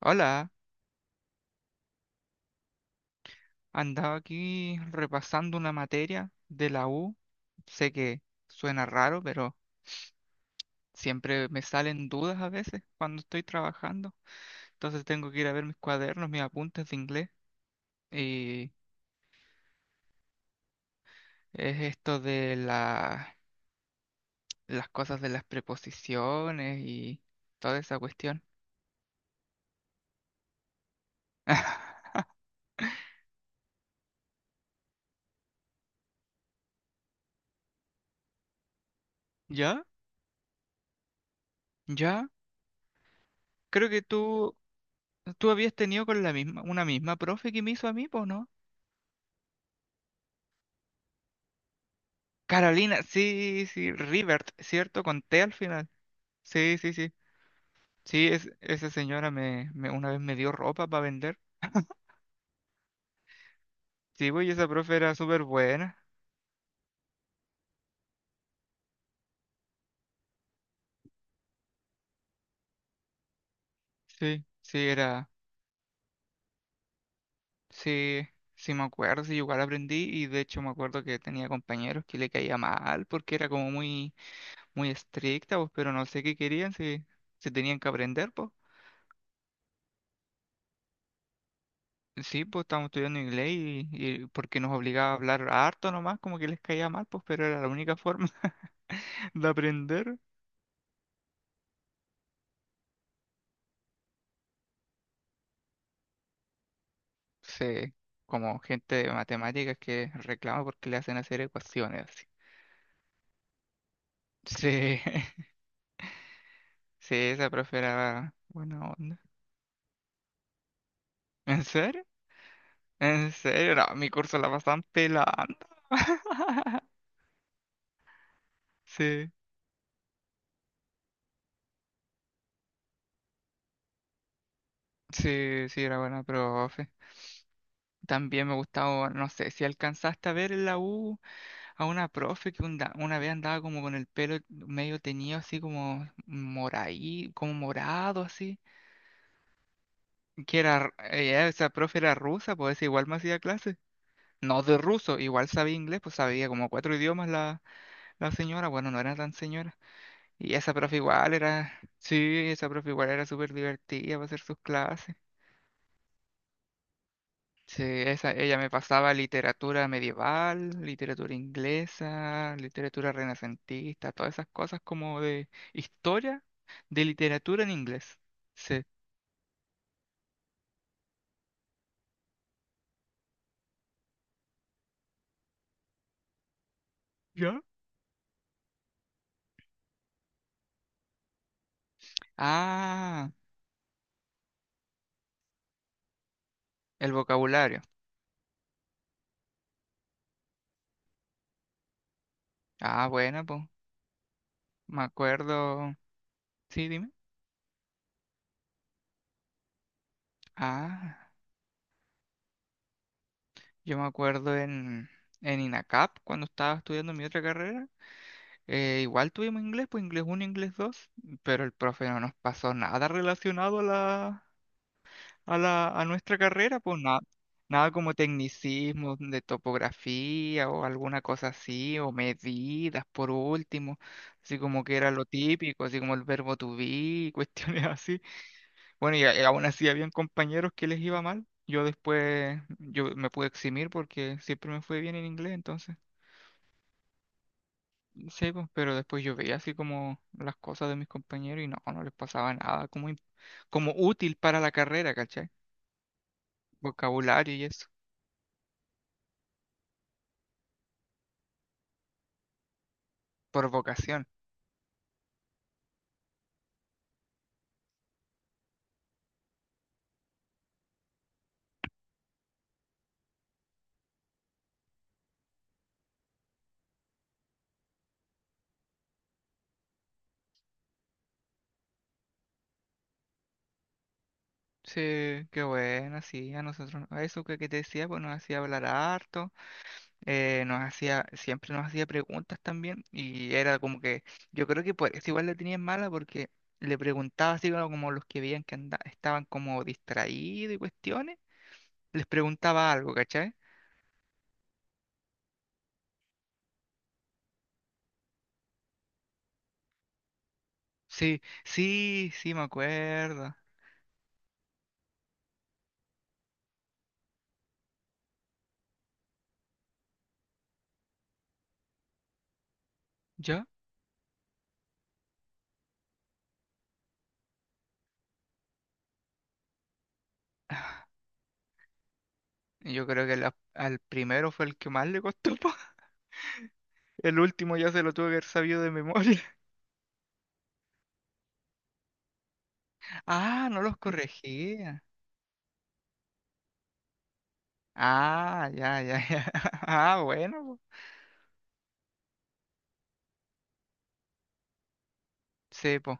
Hola, andaba aquí repasando una materia de la U. Sé que suena raro, pero siempre me salen dudas a veces cuando estoy trabajando. Entonces tengo que ir a ver mis cuadernos, mis apuntes de inglés. Y es esto de las cosas de las preposiciones y toda esa cuestión. ¿Ya? ¿Ya? Creo que tú habías tenido con la misma, una misma profe que me hizo a mí, ¿po no? Carolina, sí, sí, Rivert, ¿cierto? Con T al final. Sí, sí, sí. Sí, esa señora una vez me dio ropa para vender. Sí, güey, esa profe era súper buena. Sí, sí, era. Sí, sí me acuerdo, sí, igual aprendí y de hecho me acuerdo que tenía compañeros que le caía mal porque era como muy, muy estricta, pues, pero no sé qué querían, si, si tenían que aprender, pues. Sí, pues estábamos estudiando inglés y porque nos obligaba a hablar harto nomás, como que les caía mal, pues, pero era la única forma de aprender, sí, como gente de matemáticas que reclama porque le hacen hacer ecuaciones así. Sí, sí, esa profe era buena onda. ¿En serio? ¿En serio? No, mi curso la pasaban pelando. Sí, sí, sí, era buena profe. También me gustaba, no sé, si alcanzaste a ver en la U a una profe que una vez andaba como con el pelo medio teñido, así como moraí, como morado, así. Que era, ella, esa profe era rusa, pues igual me hacía clases. No de ruso, igual sabía inglés, pues sabía como cuatro idiomas la señora, bueno, no era tan señora. Y esa profe igual era, sí, esa profe igual era súper divertida para hacer sus clases. Sí, esa, ella me pasaba literatura medieval, literatura inglesa, literatura renacentista, todas esas cosas como de historia de literatura en inglés. Sí. ¿Ya? Ah, el vocabulario. Ah, bueno, pues. Me acuerdo. Sí, dime. Ah, yo me acuerdo en INACAP cuando estaba estudiando mi otra carrera. Igual tuvimos inglés, pues inglés uno inglés dos, pero el profe no nos pasó nada relacionado a a nuestra carrera, pues nada, nada como tecnicismos de topografía o alguna cosa así, o medidas por último, así como que era lo típico, así como el verbo to be, y cuestiones así. Bueno, y aún así habían compañeros que les iba mal. Yo después, yo me pude eximir porque siempre me fue bien en inglés, entonces, sí, pues, pero después yo veía así como las cosas de mis compañeros y no, no les pasaba nada como útil para la carrera, ¿cachai? Vocabulario y eso, por vocación. Sí, qué bueno, sí, a nosotros, a eso que te decía, pues nos hacía hablar harto. Nos hacía, siempre nos hacía preguntas también y era como que, yo creo que por eso igual la tenían mala porque le preguntaba así como, como los que veían que estaban como distraídos y cuestiones, les preguntaba algo, ¿cachai? Sí, sí, sí, me acuerdo. ¿Yo? Yo creo que al primero fue el que más le costó, po. El último ya se lo tuve que haber sabido de memoria. Ah, no los corregía. Ah, ya, ya, ya. Ah, bueno, po. Sí, po.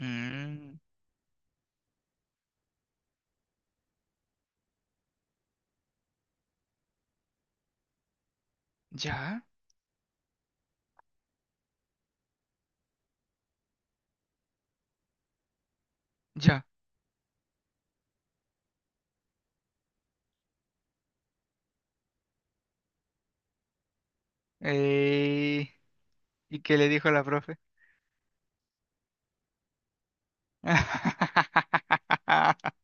Mm, ya. Ya. Eh, ¿Y qué le dijo la profe?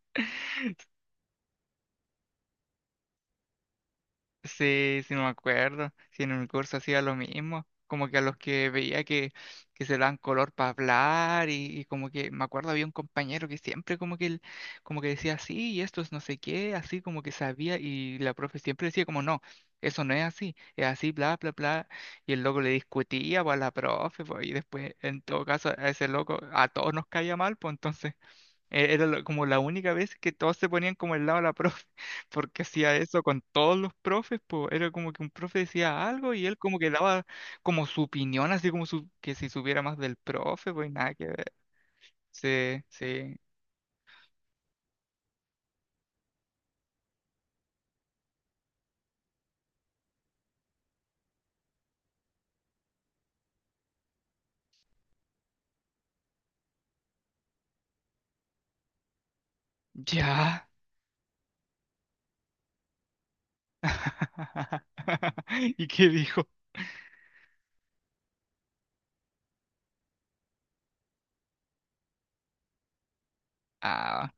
Sí, sí me acuerdo. Sí, en un curso hacía lo mismo. Como que a los que veía que se daban color para hablar y como que me acuerdo había un compañero que siempre como que, como que decía así y esto es no sé qué, así como que sabía y la profe siempre decía como no, eso no es así, es así, bla, bla, bla. Y el loco le discutía pues, a la profe pues, y después en todo caso a ese loco a todos nos caía mal, pues entonces… Como la única vez que todos se ponían como el lado de la profe, porque hacía eso con todos los profes, pues era como que un profe decía algo y él como que daba como su opinión, así como su, que si supiera más del profe, pues nada que ver. Sí, sí. Ya. ¿Y qué dijo? Ah,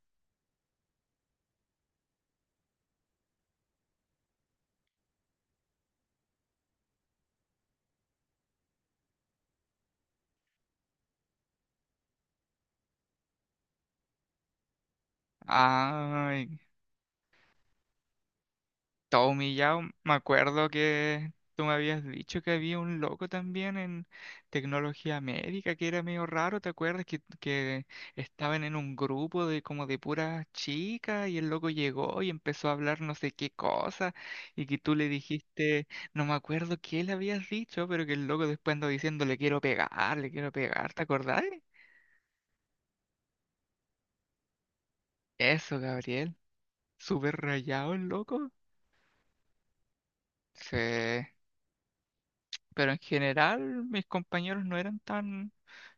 ay, todo humillado. Me acuerdo que tú me habías dicho que había un loco también en tecnología médica que era medio raro, ¿te acuerdas? Que estaban en un grupo de como de puras chicas y el loco llegó y empezó a hablar no sé qué cosa y que tú le dijiste, no me acuerdo qué le habías dicho, pero que el loco después andó diciendo, le quiero pegar, ¿te acordás? Eso, Gabriel. Súper rayado el loco. Sí. Pero en general mis compañeros no eran tan,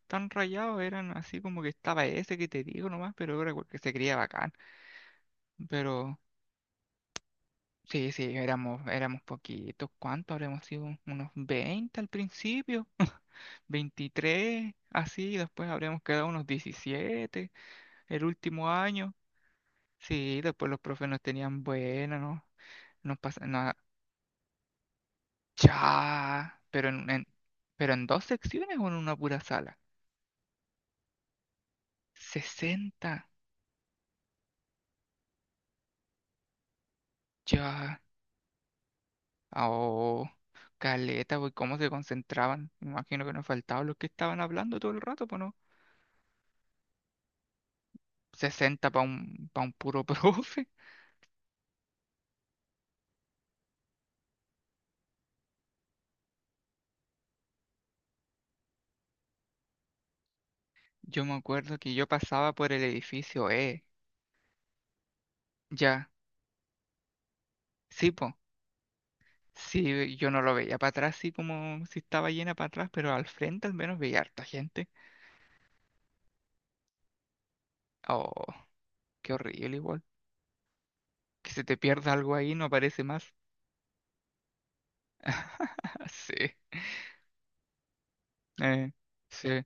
tan rayados, eran así como que estaba ese que te digo nomás, pero era que se creía bacán. Pero sí, sí, éramos poquitos. ¿Cuántos habremos sido? Unos 20 al principio, 23 así, después habremos quedado unos 17 el último año. Sí, después los profes nos tenían buena, ¿no? Nos pasaban, no, ya, pero pero en dos secciones o en una pura sala. 60. Ya, oh, caleta, güey, cómo se concentraban. Me imagino que nos faltaban los que estaban hablando todo el rato, pues no. 60 para pa un puro profe. Yo me acuerdo que yo pasaba por el edificio E. Ya, sí, po. Sí, yo no lo veía para atrás, sí, como si estaba llena para atrás, pero al frente al menos veía harta gente. Oh, qué horrible, igual. Que se te pierda algo ahí, no aparece más. Sí, eh, sí.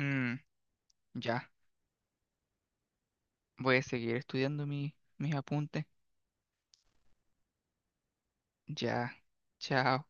Mm, ya, voy a seguir estudiando mi, mis apuntes. Ya, chao.